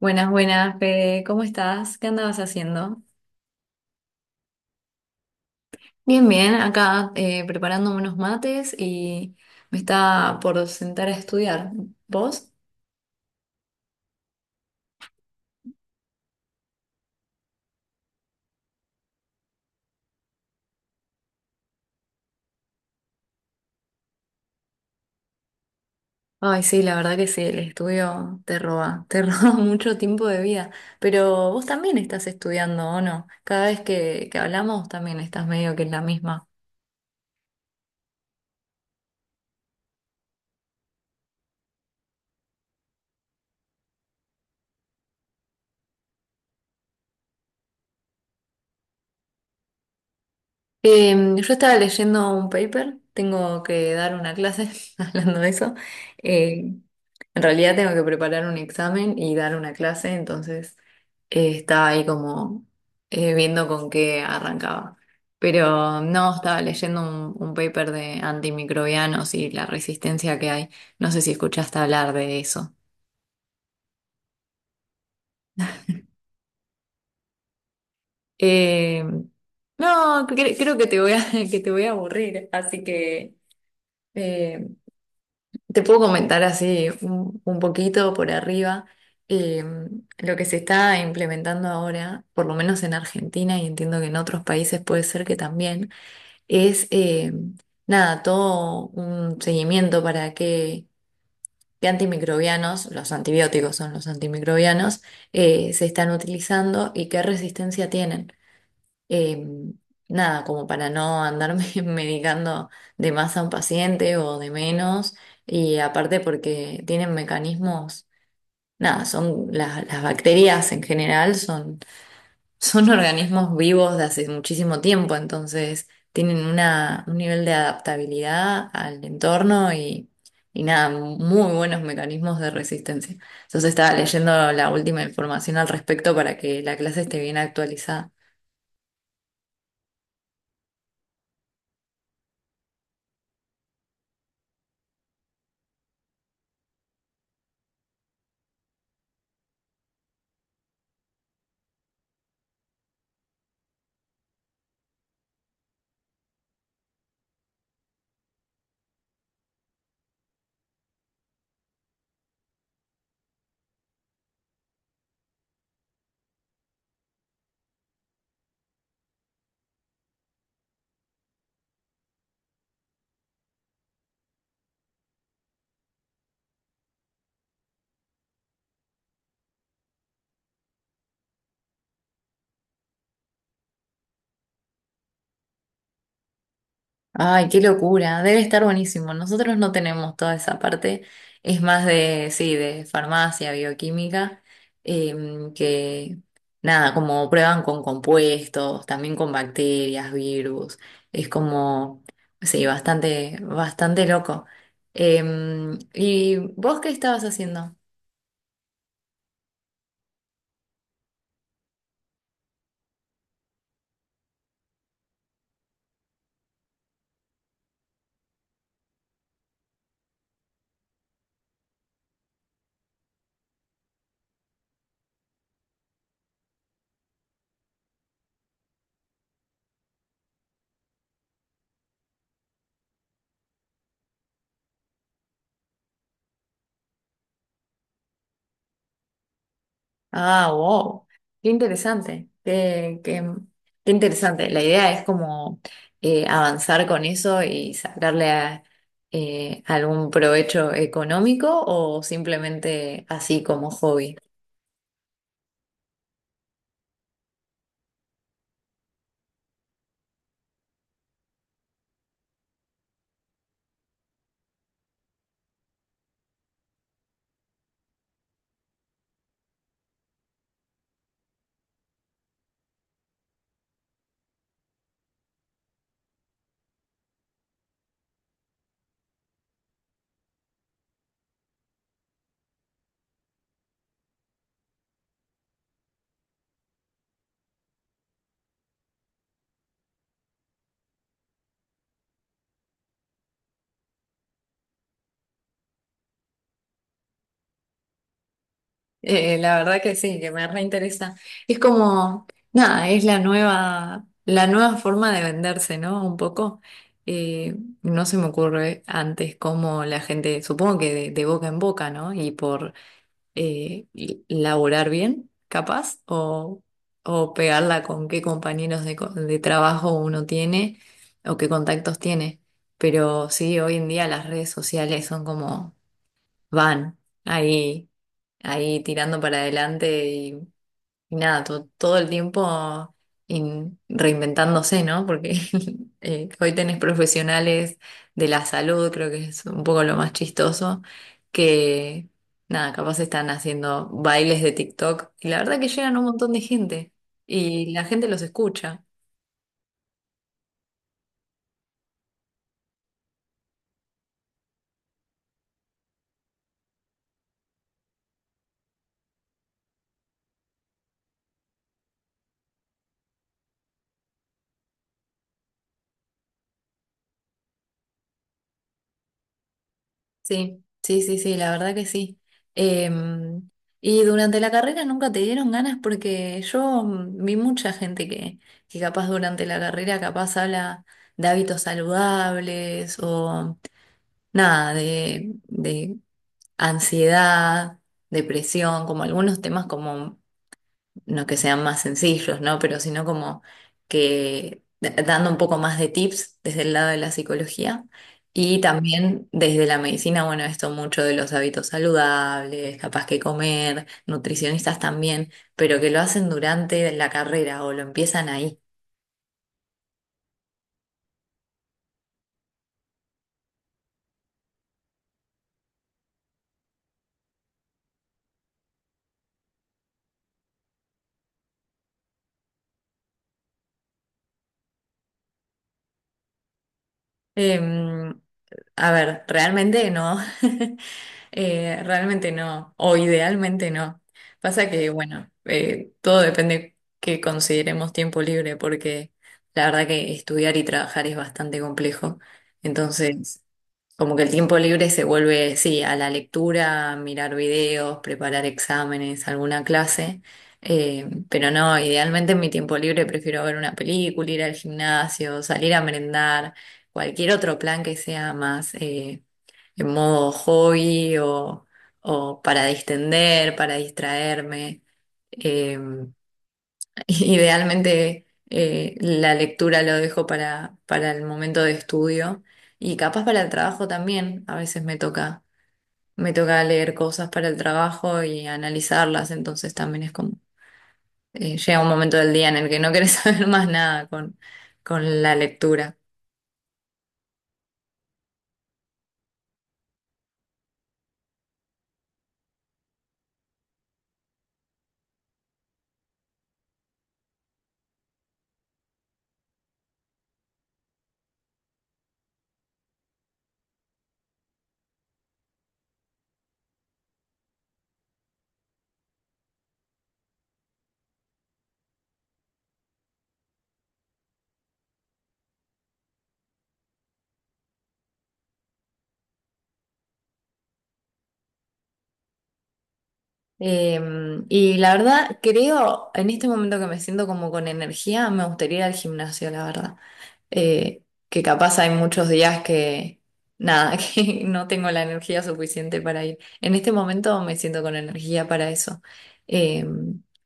Buenas, buenas, Fede. ¿Cómo estás? ¿Qué andabas haciendo? Bien, bien. Acá preparando unos mates y me está por sentar a estudiar. ¿Vos? Ay, sí, la verdad que sí, el estudio te roba, te roba mucho tiempo de vida. Pero vos también estás estudiando, ¿o no? Cada vez que hablamos también estás medio que en la misma. Yo estaba leyendo un paper, tengo que dar una clase hablando de eso. Eh, en realidad tengo que preparar un examen y dar una clase, entonces estaba ahí como viendo con qué arrancaba. Pero no, estaba leyendo un paper de antimicrobianos y la resistencia que hay. No sé si escuchaste hablar de eso. Em, no, creo que te voy a, que te voy a aburrir, así que... eh, te puedo comentar así un poquito por arriba, eh, lo que se está implementando ahora, por lo menos en Argentina y entiendo que en otros países puede ser que también, es, nada, todo un seguimiento para que antimicrobianos, los antibióticos son los antimicrobianos, se están utilizando y qué resistencia tienen. Eh, Nada, como para no andarme medicando de más a un paciente o de menos. Y aparte porque tienen mecanismos, nada, son las bacterias en general son, son organismos vivos de hace muchísimo tiempo, entonces tienen un nivel de adaptabilidad al entorno y nada, muy buenos mecanismos de resistencia. Entonces estaba leyendo la última información al respecto para que la clase esté bien actualizada. Ay, qué locura, debe estar buenísimo. Nosotros no tenemos toda esa parte, es más de, sí, de farmacia, bioquímica, que nada, como prueban con compuestos, también con bacterias, virus, es como, sí, bastante, bastante loco. ¿Y vos qué estabas haciendo? Ah, wow. Qué interesante. Qué interesante. La idea es como avanzar con eso y algún provecho económico o simplemente así como hobby. La verdad que sí, que me reinteresa. Es como, nada, es la nueva forma de venderse, ¿no? Un poco. Eh, no se me ocurre antes cómo la gente, supongo que de boca en boca, ¿no? Y por, y laburar bien, capaz, o pegarla con qué compañeros de, de trabajo uno tiene o qué contactos tiene. Pero sí, hoy en día las redes sociales son como van ahí, ahí tirando para adelante y nada, todo el tiempo reinventándose, ¿no? Porque hoy tenés profesionales de la salud, creo que es un poco lo más chistoso, que nada, capaz están haciendo bailes de TikTok y la verdad que llegan un montón de gente y la gente los escucha. Sí, sí, sí, sí, la verdad que sí. Em, ¿Y durante la carrera nunca te dieron ganas? Porque yo vi mucha gente que capaz durante la carrera capaz habla de hábitos saludables o nada, de ansiedad, depresión, como algunos temas como no que sean más sencillos, ¿no? Pero sino como que dando un poco más de tips desde el lado de la psicología y también desde la medicina, bueno, esto mucho de los hábitos saludables, capaz que comer, nutricionistas también, pero que lo hacen durante la carrera o lo empiezan ahí. Em, A ver, realmente no. Realmente no. O idealmente no. Pasa que, bueno, todo depende que consideremos tiempo libre, porque la verdad que estudiar y trabajar es bastante complejo. Entonces, como que el tiempo libre se vuelve, sí, a la lectura, mirar videos, preparar exámenes, alguna clase. Pero no, idealmente en mi tiempo libre prefiero ver una película, ir al gimnasio, salir a merendar, cualquier otro plan que sea más, en modo hobby o para distender, para distraerme. Eh, Idealmente, la lectura lo dejo para el momento de estudio y capaz para el trabajo también. A veces me toca leer cosas para el trabajo y analizarlas, entonces también es como, llega un momento del día en el que no querés saber más nada con, con la lectura. Eh, y la verdad, creo, en este momento que me siento como con energía, me gustaría ir al gimnasio, la verdad. eh, que capaz hay muchos días nada, que no tengo la energía suficiente para ir. En este momento me siento con energía para eso. Eh,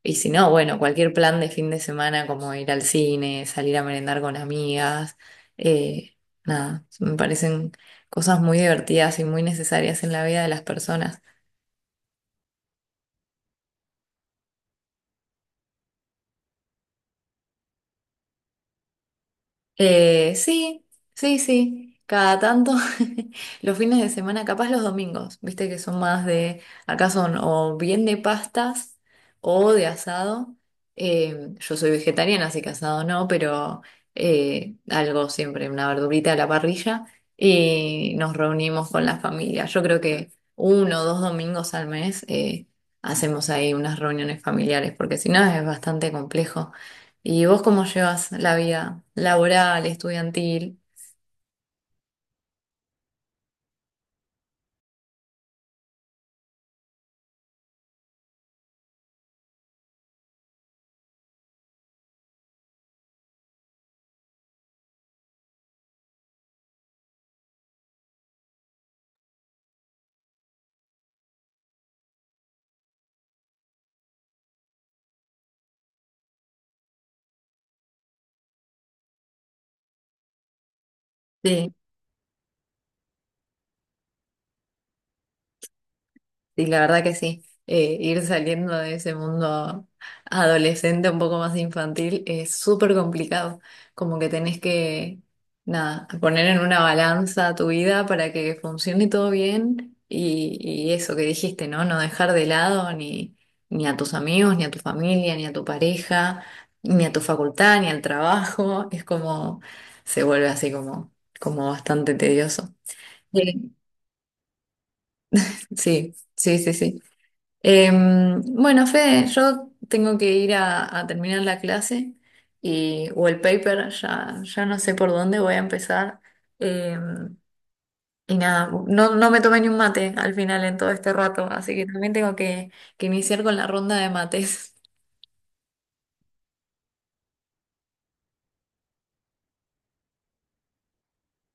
y si no, bueno, cualquier plan de fin de semana como ir al cine, salir a merendar con amigas, eh, nada, me parecen cosas muy divertidas y muy necesarias en la vida de las personas. Sí, sí, sí. Cada tanto, los fines de semana, capaz los domingos, viste que son más de, acá son o bien de pastas o de asado. Yo soy vegetariana, así que asado no, pero, algo siempre, una verdurita a la parrilla y nos reunimos con la familia. Yo creo que uno o dos domingos al mes, hacemos ahí unas reuniones familiares, porque si no es bastante complejo. ¿Y vos cómo llevas la vida laboral, estudiantil? Sí, la verdad que sí. Ir saliendo de ese mundo adolescente un poco más infantil es súper complicado. Como que tenés que, nada, poner en una balanza tu vida para que funcione todo bien y eso que dijiste, ¿no? No dejar de lado ni, ni a tus amigos, ni a tu familia, ni a tu pareja, ni a tu facultad, ni al trabajo. Es como, se vuelve así como, como bastante tedioso. Sí, sí, sí, sí, sí. Bueno, Fede, yo tengo que ir a terminar la clase y, o el paper, ya no sé por dónde voy a empezar. Em, y nada, no, no me tomé ni un mate al final en todo este rato, así que también tengo que iniciar con la ronda de mates.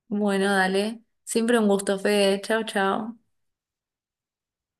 Bueno, dale. Siempre un gusto, Fede. Chao, chao.